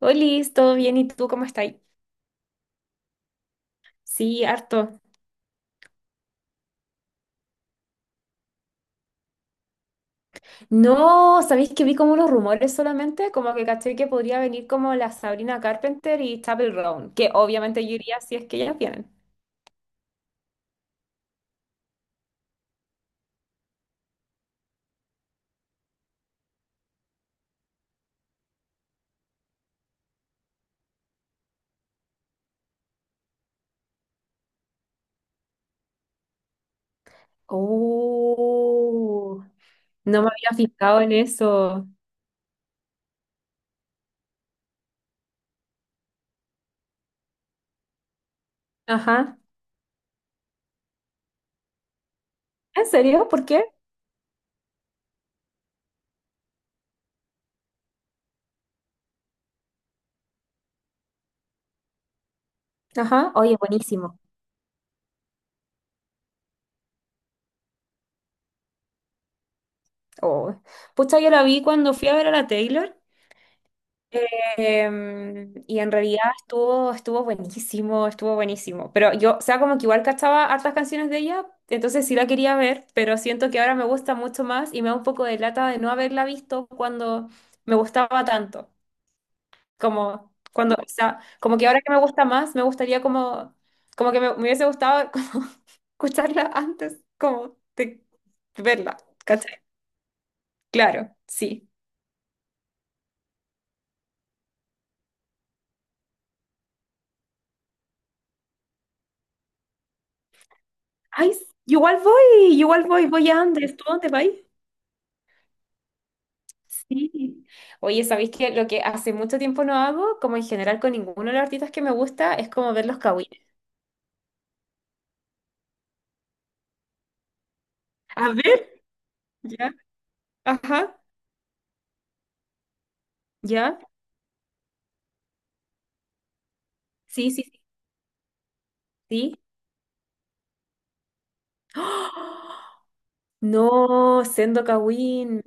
Liz, ¿todo bien? ¿Y tú cómo estás? Sí, harto. No, ¿sabéis que vi como los rumores solamente? Como que caché que podría venir como la Sabrina Carpenter y Chappell Roan, que obviamente yo iría si es que ellas vienen. Oh, no me había fijado en eso. Ajá. ¿En serio? ¿Por qué? Ajá. Oye, buenísimo. Oh. Pucha, yo la vi cuando fui a ver a la Taylor. Y en realidad estuvo buenísimo, estuvo buenísimo. Pero yo, o sea, como que igual cachaba hartas canciones de ella, entonces sí la quería ver, pero siento que ahora me gusta mucho más y me da un poco de lata de no haberla visto cuando me gustaba tanto. Como cuando, o sea, como que ahora que me gusta más, me gustaría como, como que me hubiese gustado como escucharla antes, como de verla, ¿cachai? Claro, sí. Ay, igual voy, voy a Andes, ¿tú a dónde vas? Sí. Oye, ¿sabéis que lo que hace mucho tiempo no hago, como en general con ninguno de los artistas que me gusta, es como ver los kawines? A ver, ya, ajá, ya, sí, sí, sí, sí. ¡Ah! No, Sendo Kawin.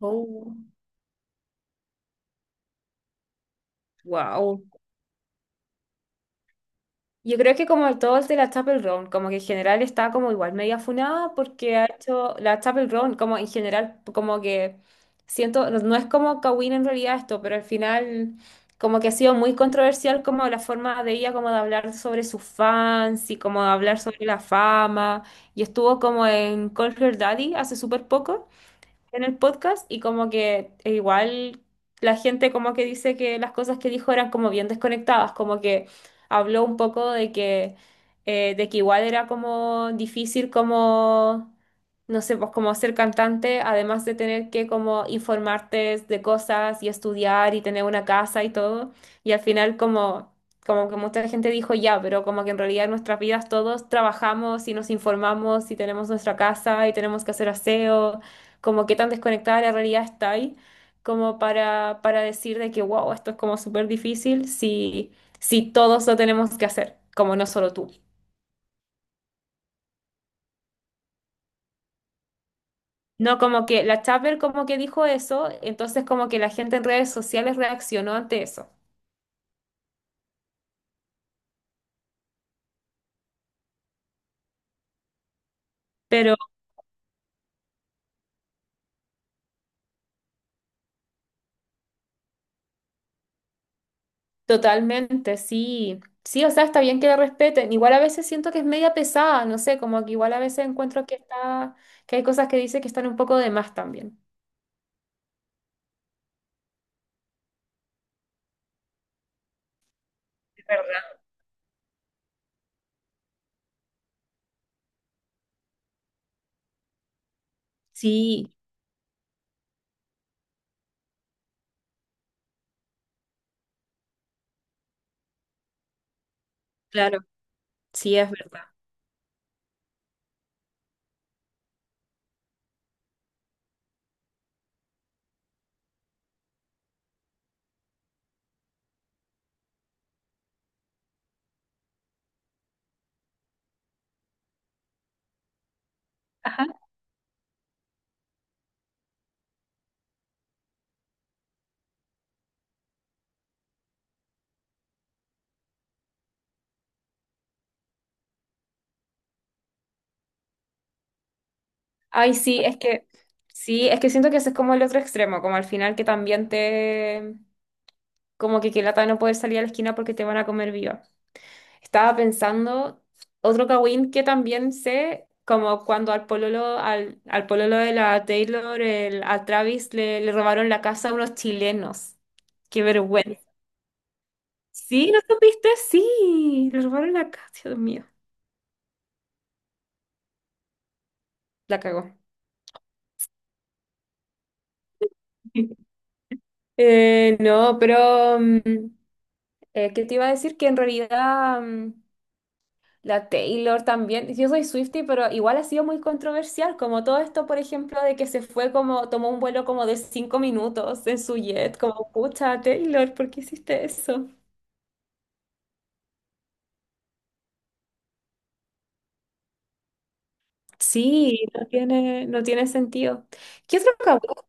Oh, wow. Yo creo que como todo el de la Chapel Roan, como que en general está como igual media funada porque ha hecho la Chapel Roan, como en general, como que siento, no, no es como Kawin en realidad esto, pero al final como que ha sido muy controversial como la forma de ella como de hablar sobre sus fans y como de hablar sobre la fama y estuvo como en Call Her Daddy hace súper poco en el podcast y como que igual la gente como que dice que las cosas que dijo eran como bien desconectadas, como que habló un poco de que igual era como difícil como, no sé, pues como ser cantante, además de tener que como informarte de cosas y estudiar y tener una casa y todo, y al final como... Como que mucha gente dijo ya, pero como que en realidad en nuestras vidas todos trabajamos y nos informamos y tenemos nuestra casa y tenemos que hacer aseo como qué tan desconectada de la realidad está ahí, como para decir de que, wow, esto es como súper difícil si, si todos lo tenemos que hacer, como no solo tú. No, como que la Chapel como que dijo eso, entonces como que la gente en redes sociales reaccionó ante eso. Pero totalmente, sí. Sí, o sea, está bien que la respeten. Igual a veces siento que es media pesada, no sé, como que igual a veces encuentro que está, que hay cosas que dice que están un poco de más también. Es verdad. Sí, claro, sí es verdad. Ay, sí, es que siento que ese es como el otro extremo, como al final que también te, como que qué lata no poder salir a la esquina porque te van a comer viva. Estaba pensando, otro Kawin que también sé, como cuando al pololo, al pololo de la Taylor, a Travis le robaron la casa a unos chilenos. Qué vergüenza. Sí, ¿no supiste? Sí, le robaron la casa, Dios mío. La cagó. No, pero ¿qué te iba a decir? Que en realidad la Taylor también, yo soy Swiftie, pero igual ha sido muy controversial, como todo esto, por ejemplo, de que se fue como, tomó un vuelo como de 5 minutos en su jet, como, pucha, Taylor, ¿por qué hiciste eso? Sí, no tiene sentido. ¿Qué otro cabrón?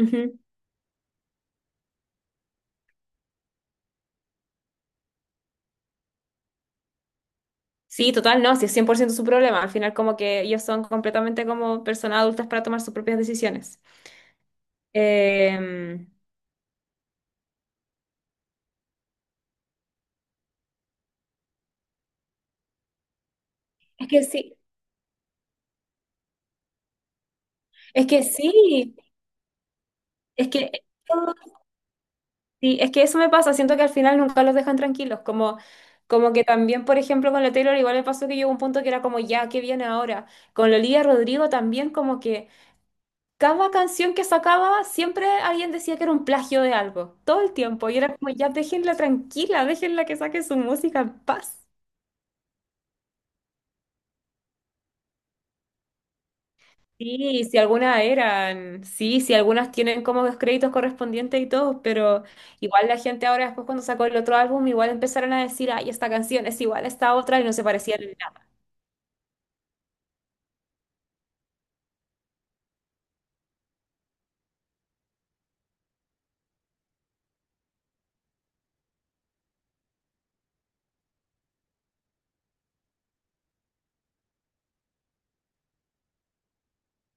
Ujú. Sí, total, no, sí, es 100% su problema. Al final, como que ellos son completamente como personas adultas para tomar sus propias decisiones. Em, es que sí, es que sí, es que... Sí, es que eso me pasa, siento que al final nunca los dejan tranquilos, como, que también, por ejemplo, con la Taylor igual me pasó que llegó un punto que era como, ya, ¿qué viene ahora? Con la Olivia Rodrigo también como que cada canción que sacaba siempre alguien decía que era un plagio de algo, todo el tiempo, y era como, ya, déjenla tranquila, déjenla que saque su música en paz. Sí, si algunas eran, sí, si algunas tienen como los créditos correspondientes y todo, pero igual la gente ahora después cuando sacó el otro álbum, igual empezaron a decir, ay, esta canción es igual a esta otra y no se parecían en nada.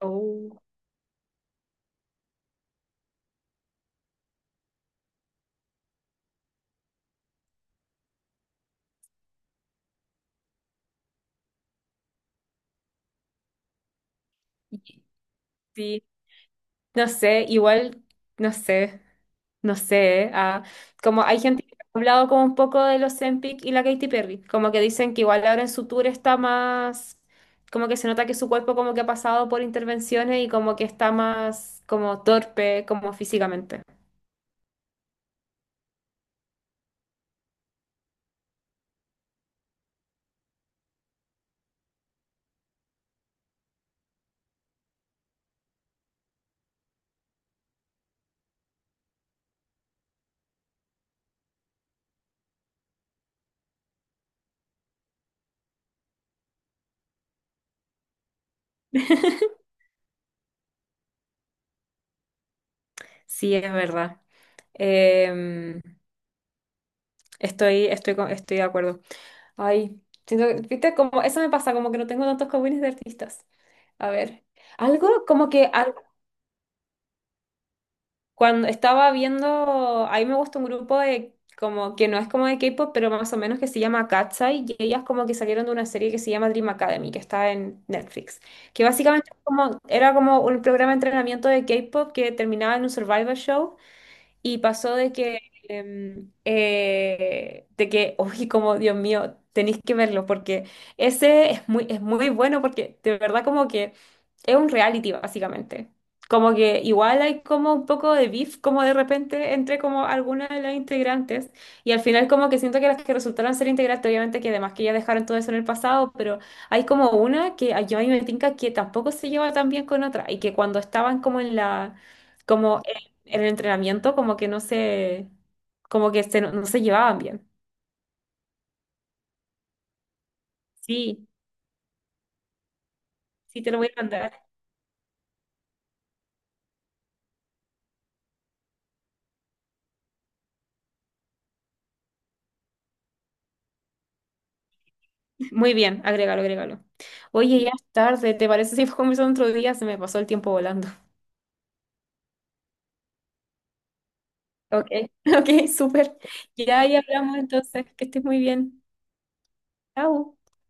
Oh. Sí, no sé, igual, no sé. No sé, ¿eh? Ah, como hay gente que ha hablado como un poco de los Ozempic y la Katy Perry, como que dicen que igual ahora en su tour está más, como que se nota que su cuerpo como que ha pasado por intervenciones y como que está más como torpe, como físicamente. Sí, es verdad. Em, estoy de acuerdo. Ay, viste, como eso me pasa, como que no tengo tantos cowines de artistas. A ver, algo como que cuando estaba viendo, ahí me gusta un grupo de como que no es como de K-pop, pero más o menos que se llama Katsai, y ellas como que salieron de una serie que se llama Dream Academy, que está en Netflix, que básicamente es como, era como un programa de entrenamiento de K-pop que terminaba en un survival show y pasó de que, de que, uy, como Dios mío, tenéis que verlo porque ese es muy bueno porque de verdad como que es un reality básicamente. Como que igual hay como un poco de beef como de repente entre como algunas de las integrantes y al final como que siento que las que resultaron ser integrantes, obviamente que además que ya dejaron todo eso en el pasado, pero hay como una yo a mí me tinca que tampoco se lleva tan bien con otra y que cuando estaban como en la... como en el entrenamiento como que no se, como que se, no se llevaban bien. Sí, sí te lo voy a mandar. Muy bien, agrégalo, agrégalo. Oye, ya es tarde, ¿te parece si conversamos otro día? Se me pasó el tiempo volando. Ok, ok, súper. Ya ahí hablamos entonces, que estés muy bien. Chao.